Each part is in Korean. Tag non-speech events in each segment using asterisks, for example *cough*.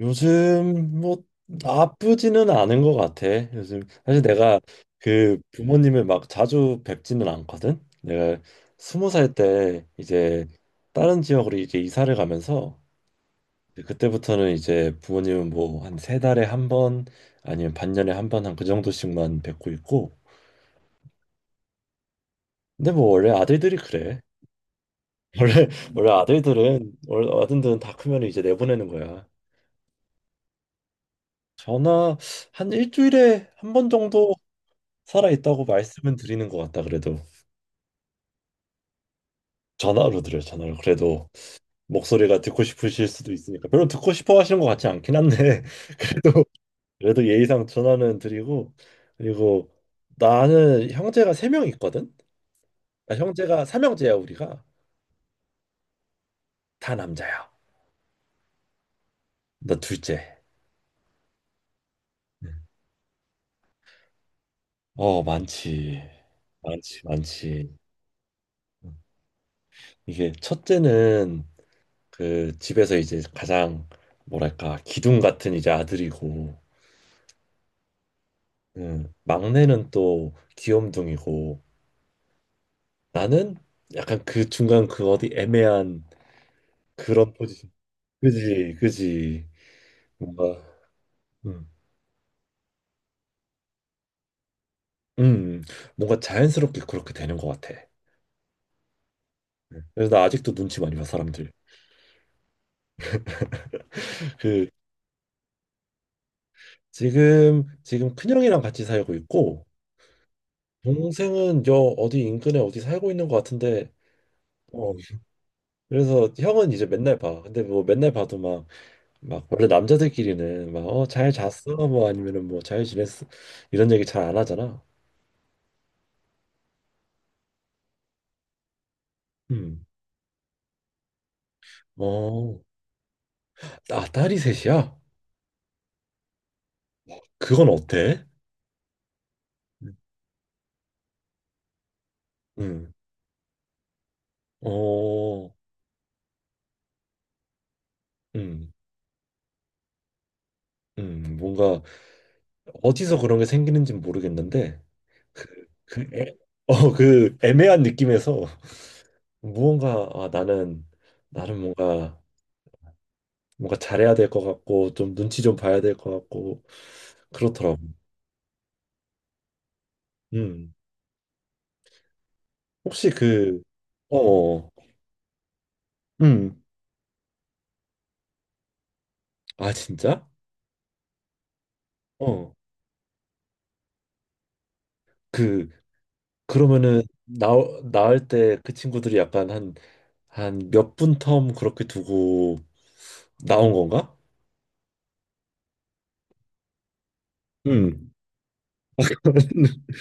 요즘 뭐 나쁘지는 않은 것 같아. 요즘 사실 내가 그 부모님을 막 자주 뵙지는 않거든. 내가 20살 때 이제 다른 지역으로 이제 이사를 가면서 그때부터는 이제 부모님은 뭐 한 세 달에 한 번 아니면 반년에 한 번 한 그 정도씩만 뵙고 있고. 근데 뭐 원래 아들들이 그래. *laughs* 원래 원래 아들들은 다 크면 이제 내보내는 거야. 전화 한 일주일에 한 번 정도 살아 있다고 말씀은 드리는 것 같다. 그래도 전화로 드려요. 전화로 그래도 목소리가 듣고 싶으실 수도 있으니까. 별로 듣고 싶어 하시는 것 같지 않긴 한데 *laughs* 그래도 그래도 예의상 전화는 드리고 그리고 나는 형제가 3명 있거든. 아, 형제가 삼형제야. 우리가 다 남자야. 나 둘째. 어, 많지. 많지, 많지. 이게 첫째는 그 집에서 이제 가장 뭐랄까 기둥 같은 이제 아들이고 막내는 또 귀염둥이고 나는 약간 그 중간 그 어디 애매한 그런 포지션. 그지, 그지. 뭔가 음, 음, 뭔가 자연스럽게 그렇게 되는 것 같아. 그래서 나 아직도 눈치 많이 봐 사람들. 그 지금 큰형이랑 같이 살고 있고 동생은 저 어디 인근에 어디 살고 있는 것 같은데. 어, 그래서 형은 이제 맨날 봐. 근데 뭐 맨날 봐도 막 원래 남자들끼리는 막 잘 잤어 뭐 아니면은 뭐 잘 지냈어 이런 얘기 잘 안 하잖아. 음. 어. 아 딸이 셋이야? 그건 어때? 음. 어. 음. 음. 뭔가 어디서 그런 게 생기는지 는 모르겠는데 그, 그 애, 그 애매한 느낌에서 *laughs* 무언가 나는 뭔가 잘해야 될 것 같고 좀 눈치 좀 봐야 될 것 같고 그렇더라고. 음. 혹시 그 어, 어. 음. 아, 진짜? 어. 그 그러면은 나 나올 때 그 친구들이 약간 한 몇 분 텀 그렇게 두고 나온 건가? 음. *laughs*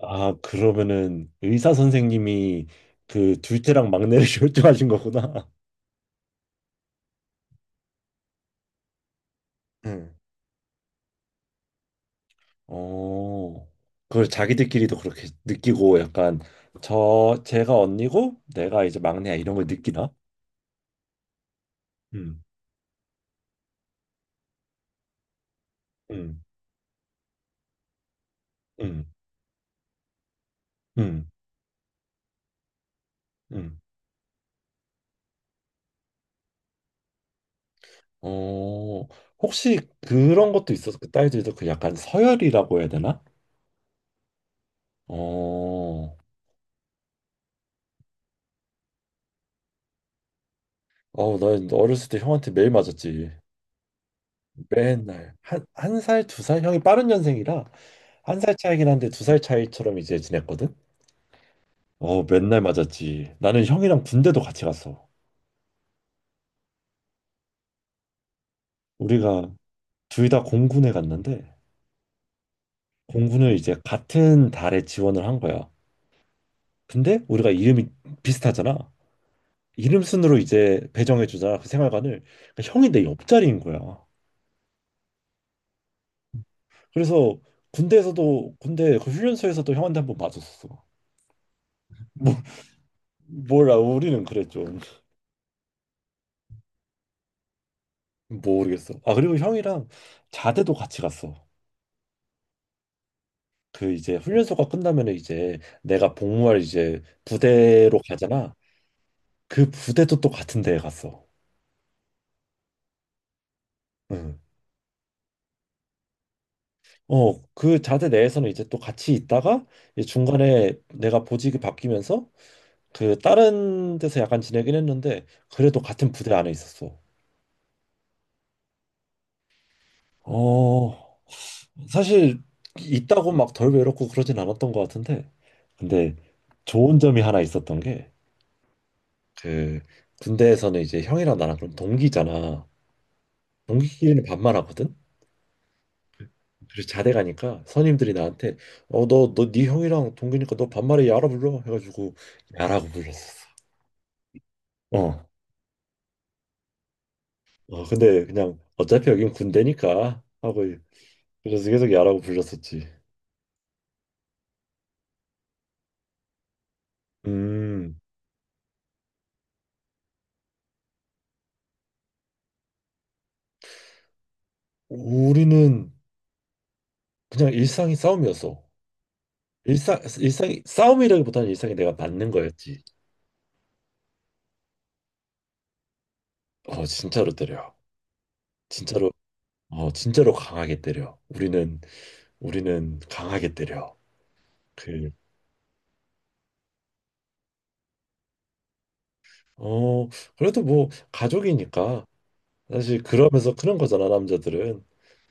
아, 그러면은 의사 선생님이 그 둘째랑 막내를 *laughs* 결정하신 거구나. 응. 어. 그걸 자기들끼리도 그렇게 느끼고 약간 제가 언니고 내가 이제 막내야 이런 걸 느끼나? 음. 음. 음. 음. 음. 어, 혹시 그런 것도 있었어. 그 딸들도 그 약간 서열이라고 해야 되나? 어, 어, 나 어렸을 때 형한테 매일 맞았지. 맨날 한 살, 2살? 형이 빠른 년생이라 1살 차이긴 한데 2살 차이처럼 이제 지냈거든. 어, 맨날 맞았지. 나는 형이랑 군대도 같이 갔어. 우리가 둘 다 공군에 갔는데 공군을 이제 같은 달에 지원을 한 거야. 근데 우리가 이름이 비슷하잖아. 이름 순으로 이제 배정해 주자 그 생활관을 그러니까 형이 내 옆자리인 거야. 그래서 군대에서도 군대 그 훈련소에서도 형한테 한번 맞았었어. 뭐 몰라, 우리는 그랬죠. 모르겠어. 아 그리고 형이랑 자대도 같이 갔어. 그 이제 훈련소가 끝나면 이제 내가 복무할 이제 부대로 가잖아. 그 부대도 또 같은 데에 갔어. 응. 어, 그 자대 내에서는 이제 또 같이 있다가 이제 중간에 내가 보직이 바뀌면서 그 다른 데서 약간 지내긴 했는데 그래도 같은 부대 안에 있었어. 어, 사실 있다고 막 덜 외롭고 그러진 않았던 것 같은데 근데 좋은 점이 하나 있었던 게 그 군대에서는 이제 형이랑 나랑 그럼 동기잖아. 동기끼리는 반말하거든. 그래서 자대 가니까 선임들이 나한테 너 네 형이랑 동기니까 너 반말에 야라 불러 해가지고 야라고 불렀었어. 어. 어 근데 그냥 어차피 여긴 군대니까 하고 그래서 계속 야라고 불렀었지. 음, 우리는 그냥 일상이 싸움이었어. 싸움이라기보다는 일상이 내가 맞는 거였지. 어, 진짜로 때려. 진짜로, 진짜로 강하게 때려. 우리는 강하게 때려. 그, 어, 그래도 뭐, 가족이니까. 사실 그러면서 그런 거잖아, 남자들은.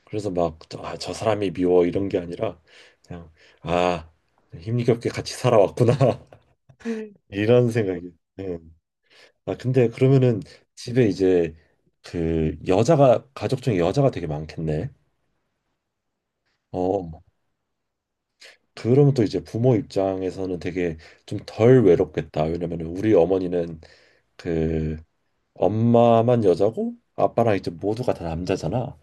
그래서 막, 저 사람이 미워, 이런 게 아니라, 그냥, 아, 힘겹게 같이 살아왔구나. *laughs* 이런 생각이. 네. 아, 근데 그러면은 집에 이제 그 여자가 가족 중에 여자가 되게 많겠네. 어, 그러면 또 이제 부모 입장에서는 되게 좀 덜 외롭겠다. 왜냐면 우리 어머니는 그 엄마만 여자고 아빠랑 이제 모두가 다 남자잖아.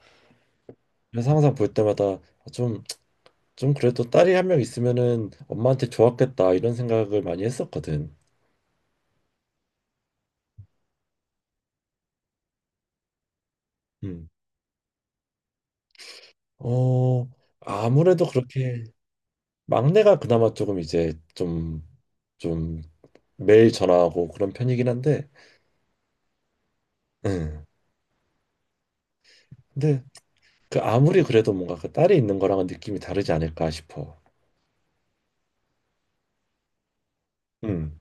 그래서 항상 볼 때마다 좀, 좀 그래도 딸이 1명 있으면은 엄마한테 좋았겠다 이런 생각을 많이 했었거든. 음. 어, 아무래도 그렇게 막내가 그나마 조금 이제 좀좀 매일 전화하고 그런 편이긴 한데, 음. 근데 그 아무리 그래도 뭔가 그 딸이 있는 거랑은 느낌이 다르지 않을까 싶어. 음,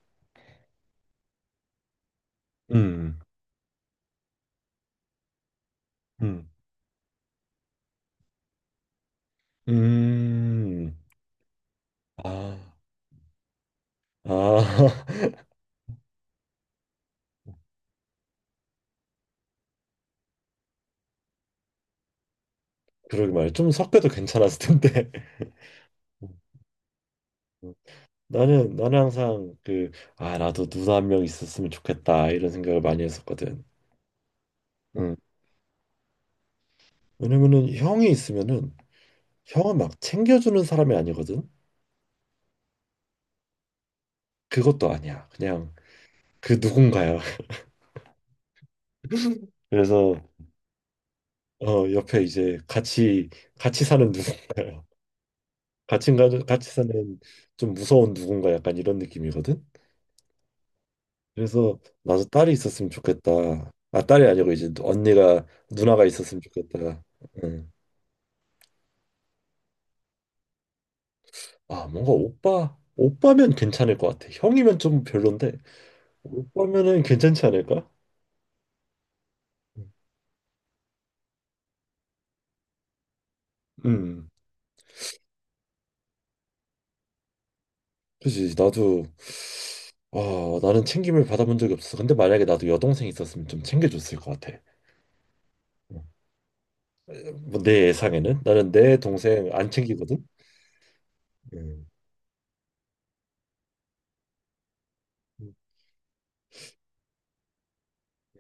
음, 음, 음. 아, 아, *laughs* 그러게 말이야. 좀 섞여도 괜찮았을 텐데. *laughs* 나는 항상 그 나도 누나 1명 있었으면 좋겠다 이런 생각을 많이 했었거든. 응. 왜냐면은 형이 있으면은 형은 막 챙겨주는 사람이 아니거든. 그것도 아니야. 그냥 그 누군가야. *laughs* 그래서 어, 옆에 이제 같이 사는 누군가요. *laughs* 같이 사는 좀 무서운 누군가 약간 이런 느낌이거든. 그래서 나도 딸이 있었으면 좋겠다. 아, 딸이 아니고 이제 언니가 누나가 있었으면 좋겠다. 응. 아, 뭔가 오빠면 괜찮을 것 같아. 형이면 좀 별론데 오빠면은 괜찮지 않을까? 음, 그지. 나도, 나는 챙김을 받아본 적이 없어. 근데 만약에 나도 여동생 있었으면 좀 챙겨줬을 것 같아. 응. 뭐내 예상에는 나는 내 동생 안 챙기거든. 음,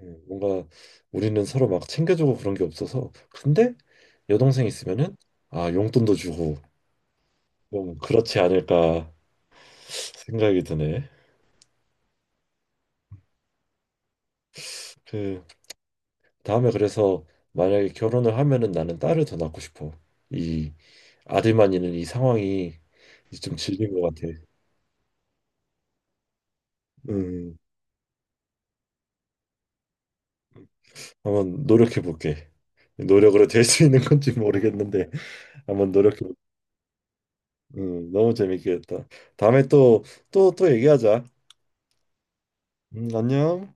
뭔가 우리는 서로 막 챙겨주고 그런 게 없어서. 근데 여동생 있으면은 용돈도 주고 좀 그렇지 않을까 생각이 드네. 그 다음에 그래서 만약에 결혼을 하면은 나는 딸을 더 낳고 싶어. 이 아들만 있는 이 상황이 좀 질린 것 같아. 음, 한번 노력해 볼게. 노력으로 될 수 있는 건지 모르겠는데 한번 노력해. 너무 재밌게 했다. 다음에 또, 또, 또 얘기하자. 안녕.